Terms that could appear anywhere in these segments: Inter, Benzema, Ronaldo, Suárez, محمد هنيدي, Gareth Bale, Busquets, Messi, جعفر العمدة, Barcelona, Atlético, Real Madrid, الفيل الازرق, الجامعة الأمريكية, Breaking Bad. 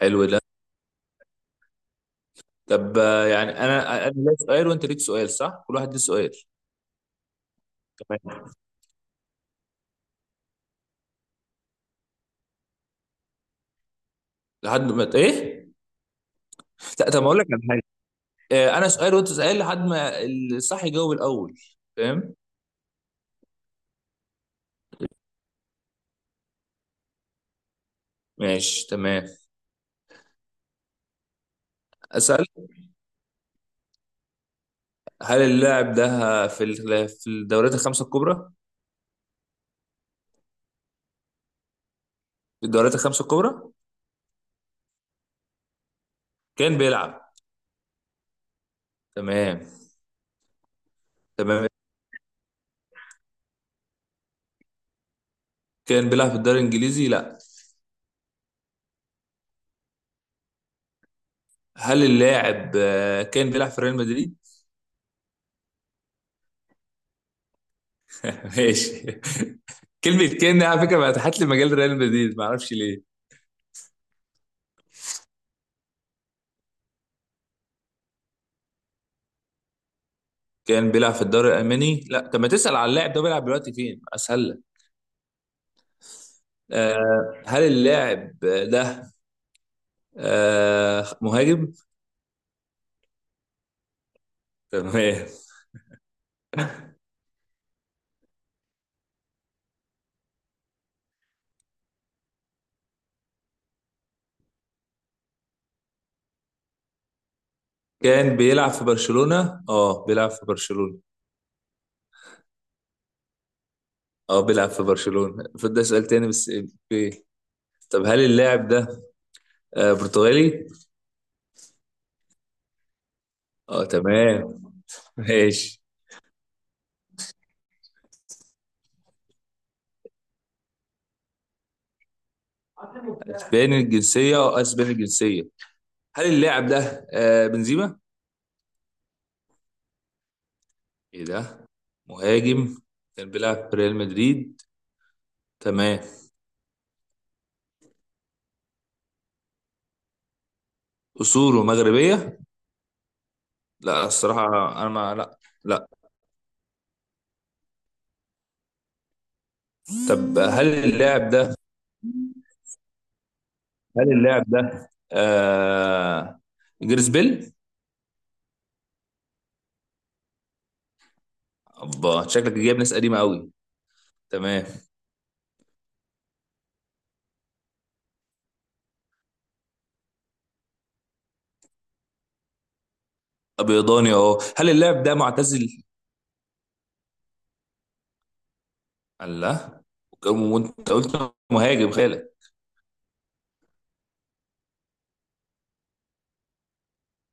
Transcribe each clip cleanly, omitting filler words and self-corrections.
حلو ده. طب يعني انا ليا سؤال وانت ليك سؤال، صح؟ كل واحد ليه سؤال. تمام. لحد ما ايه؟ لا، طب اقول لك على حاجه. انا سؤال وانت سؤال لحد ما الصح يجاوب الاول، فاهم؟ ماشي تمام. اسال. هل اللاعب ده في الدوريات الخمسه الكبرى؟ في الدوريات الخمسه الكبرى كان بيلعب. تمام. تمام. كان بيلعب في الدوري الانجليزي؟ لا. هل اللاعب كان بيلعب في ريال مدريد؟ ماشي. كلمة كان دي على فكرة بقى فتحت لي مجال ريال مدريد، ما اعرفش ليه. كان بيلعب في الدوري الألماني؟ لا. طب ما تسأل على اللاعب ده بيلعب دلوقتي فين، أسهل لك. آه، هل اللاعب ده آه مهاجم؟ تمام. كان بيلعب في برشلونة؟ اه بيلعب في برشلونة. اه بيلعب في برشلونة، فده سؤال تاني بس. إيه؟ طب هل اللاعب ده آه برتغالي؟ اه تمام. ماشي. اسباني الجنسية؟ اه اسباني الجنسية. هل اللاعب ده آه بنزيما؟ ايه ده؟ مهاجم، كان بيلعب في ريال مدريد. تمام. اصوله مغربيه؟ لا الصراحه، انا ما، لا، لا. طب هل اللاعب ده، هل اللاعب ده آه جريس بيل؟ ابا شكلك جايب ناس قديمه قوي. تمام. ابيضاني اهو. هل اللاعب ده معتزل؟ الله، وانت قلت مهاجم خالك.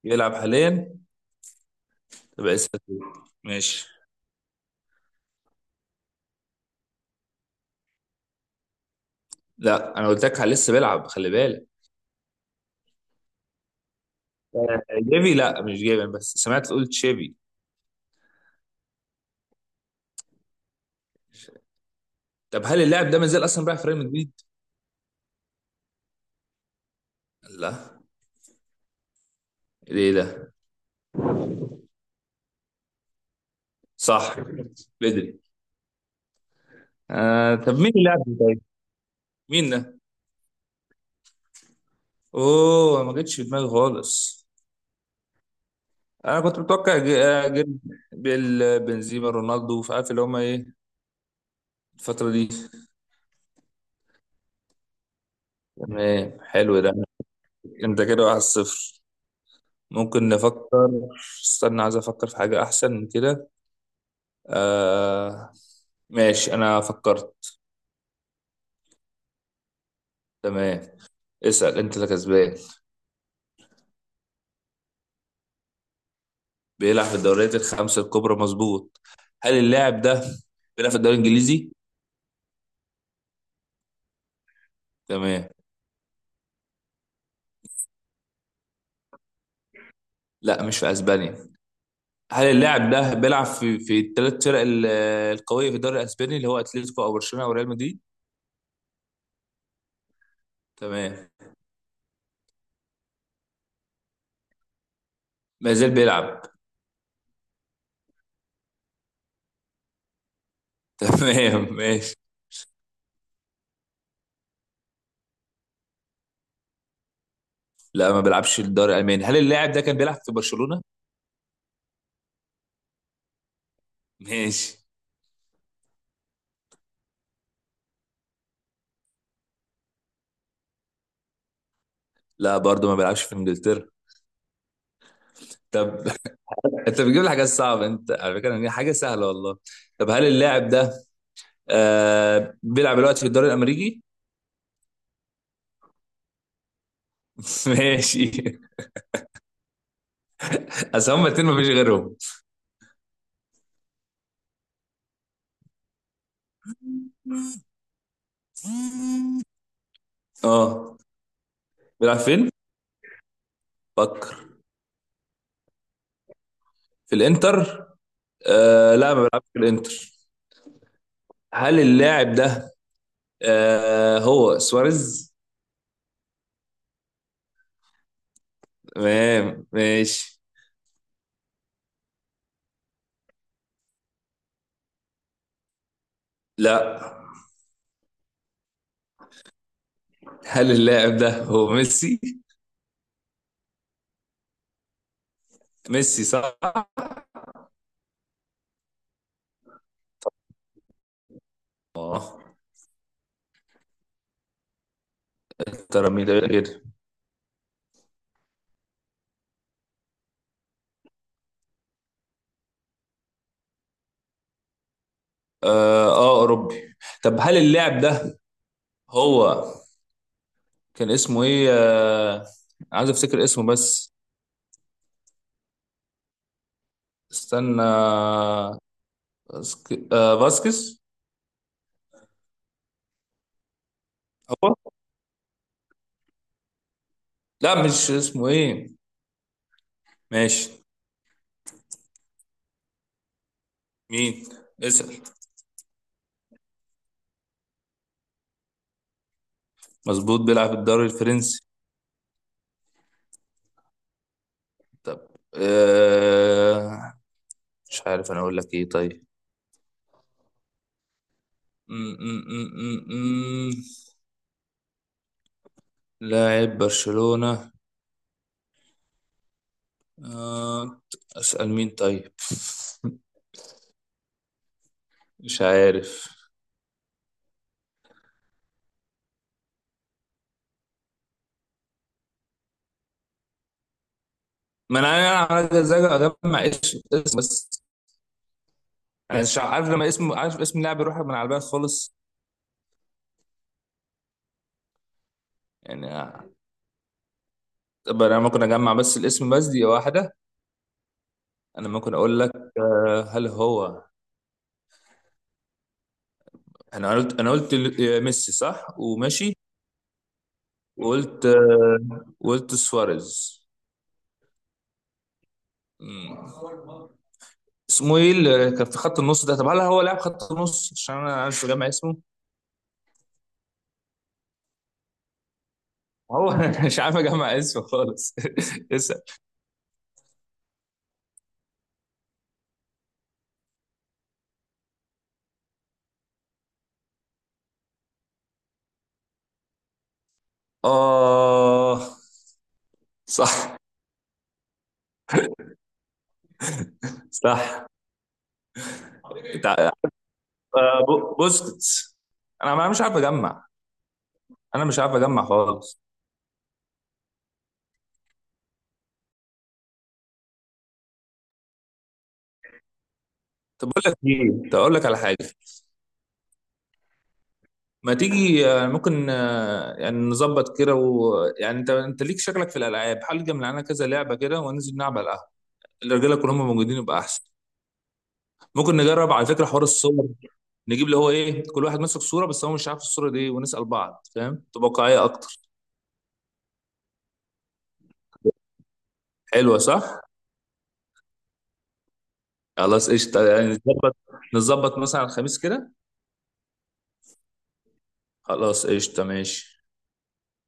يلعب حاليا؟ تبقى لسه فيه. ماشي. لا انا قلت لك لسه بيلعب، خلي بالك. جيفي؟ لا مش جيفي، بس سمعت قلت شيفي. طب هل اللاعب ده ما زال اصلا بيلعب في ريال مدريد؟ لا؟ ايه ده؟ صح، بدري. آه طب مين اللاعب ده طيب؟ مين ده؟ اوه، ما جتش في دماغي خالص. انا كنت متوقع جيل، بيل، بنزيما، رونالدو، فعارف اللي هما ايه الفترة دي. تمام حلو ده. انت كده واحد صفر. ممكن نفكر. استنى عايز افكر في حاجة احسن من كده. آه ماشي، انا فكرت. تمام. اسأل انت اللي كسبان. بيلعب في الدوريات الخمسة الكبرى، مظبوط. هل اللاعب ده بيلعب في الدوري الإنجليزي؟ تمام. لا مش في أسبانيا. هل اللاعب ده بيلعب في القوية في الدوري الأسباني اللي هو أتلتيكو أو برشلونة أو ريال مدريد؟ تمام. ما زال بيلعب. تمام ماشي. لا ما بيلعبش في الدوري الألماني. هل اللاعب ده كان بيلعب في برشلونة؟ ماشي. لا برضه ما بيلعبش في إنجلترا. طب انت بتجيب لي حاجات صعبه انت على فكره، يعني حاجه سهله والله. طب هل اللاعب ده آه بيلعب دلوقتي في الدوري الامريكي؟ ماشي. اصل هما الاتنين مفيش غيرهم. اه بيلعب فين؟ فكر في الانتر. آه لا ما بيلعبش في الانتر. هل اللاعب ده آه هو سواريز؟ تمام ماشي. لا. هل اللاعب ده هو ميسي؟ ميسي صح؟ اه. ترى مين ده كده. اه اوروبي. طب هل اللاعب ده هو، كان اسمه ايه آه، عايز افتكر اسمه بس. استنى. باسكس؟ هو، لا مش اسمه ايه. ماشي. مين؟ اسأل. مظبوط بيلعب الدوري الفرنسي. طب آه، مش عارف انا اقول لك ايه طيب. م. لاعب برشلونة آه، اسأل مين طيب. مش عارف. ما انا، انا عايز اجمع اسم اسم بس، يعني مش عارف، لما اسم عارف اسم اللاعب يروح من على البال خالص. يعني طب انا ممكن اجمع بس الاسم بس، دي واحدة. انا ممكن اقول لك هل هو، انا قلت ميسي صح وماشي. وقلت وقلت سواريز. مم. اسمه ايه اللي كان في خط النص ده؟ طب هل هو لاعب خط النص، عشان انا مش جامع اسمه. هو أنا مش عارف اجمع اسمه خالص. اسال. اه صح، صح. تع- بوسكيتس. انا مش عارف اجمع، انا مش عارف اجمع خالص. تقول لك على حاجه؟ ما تيجي ممكن يعني نظبط كده، ويعني انت ليك شكلك في الالعاب، حل معانا كذا لعبه كده وننزل نلعب على القهوه. الرجاله كلهم موجودين يبقى احسن. ممكن نجرب على فكره حوار الصور. نجيب اللي هو ايه، كل واحد ماسك صوره بس هو مش عارف الصوره دي إيه، ونسال بعض، فاهم؟ تبقى واقعيه اكتر. حلوه صح. خلاص قشطه، يعني نظبط. نظبط مثلا على الخميس كده. خلاص قشطه ماشي.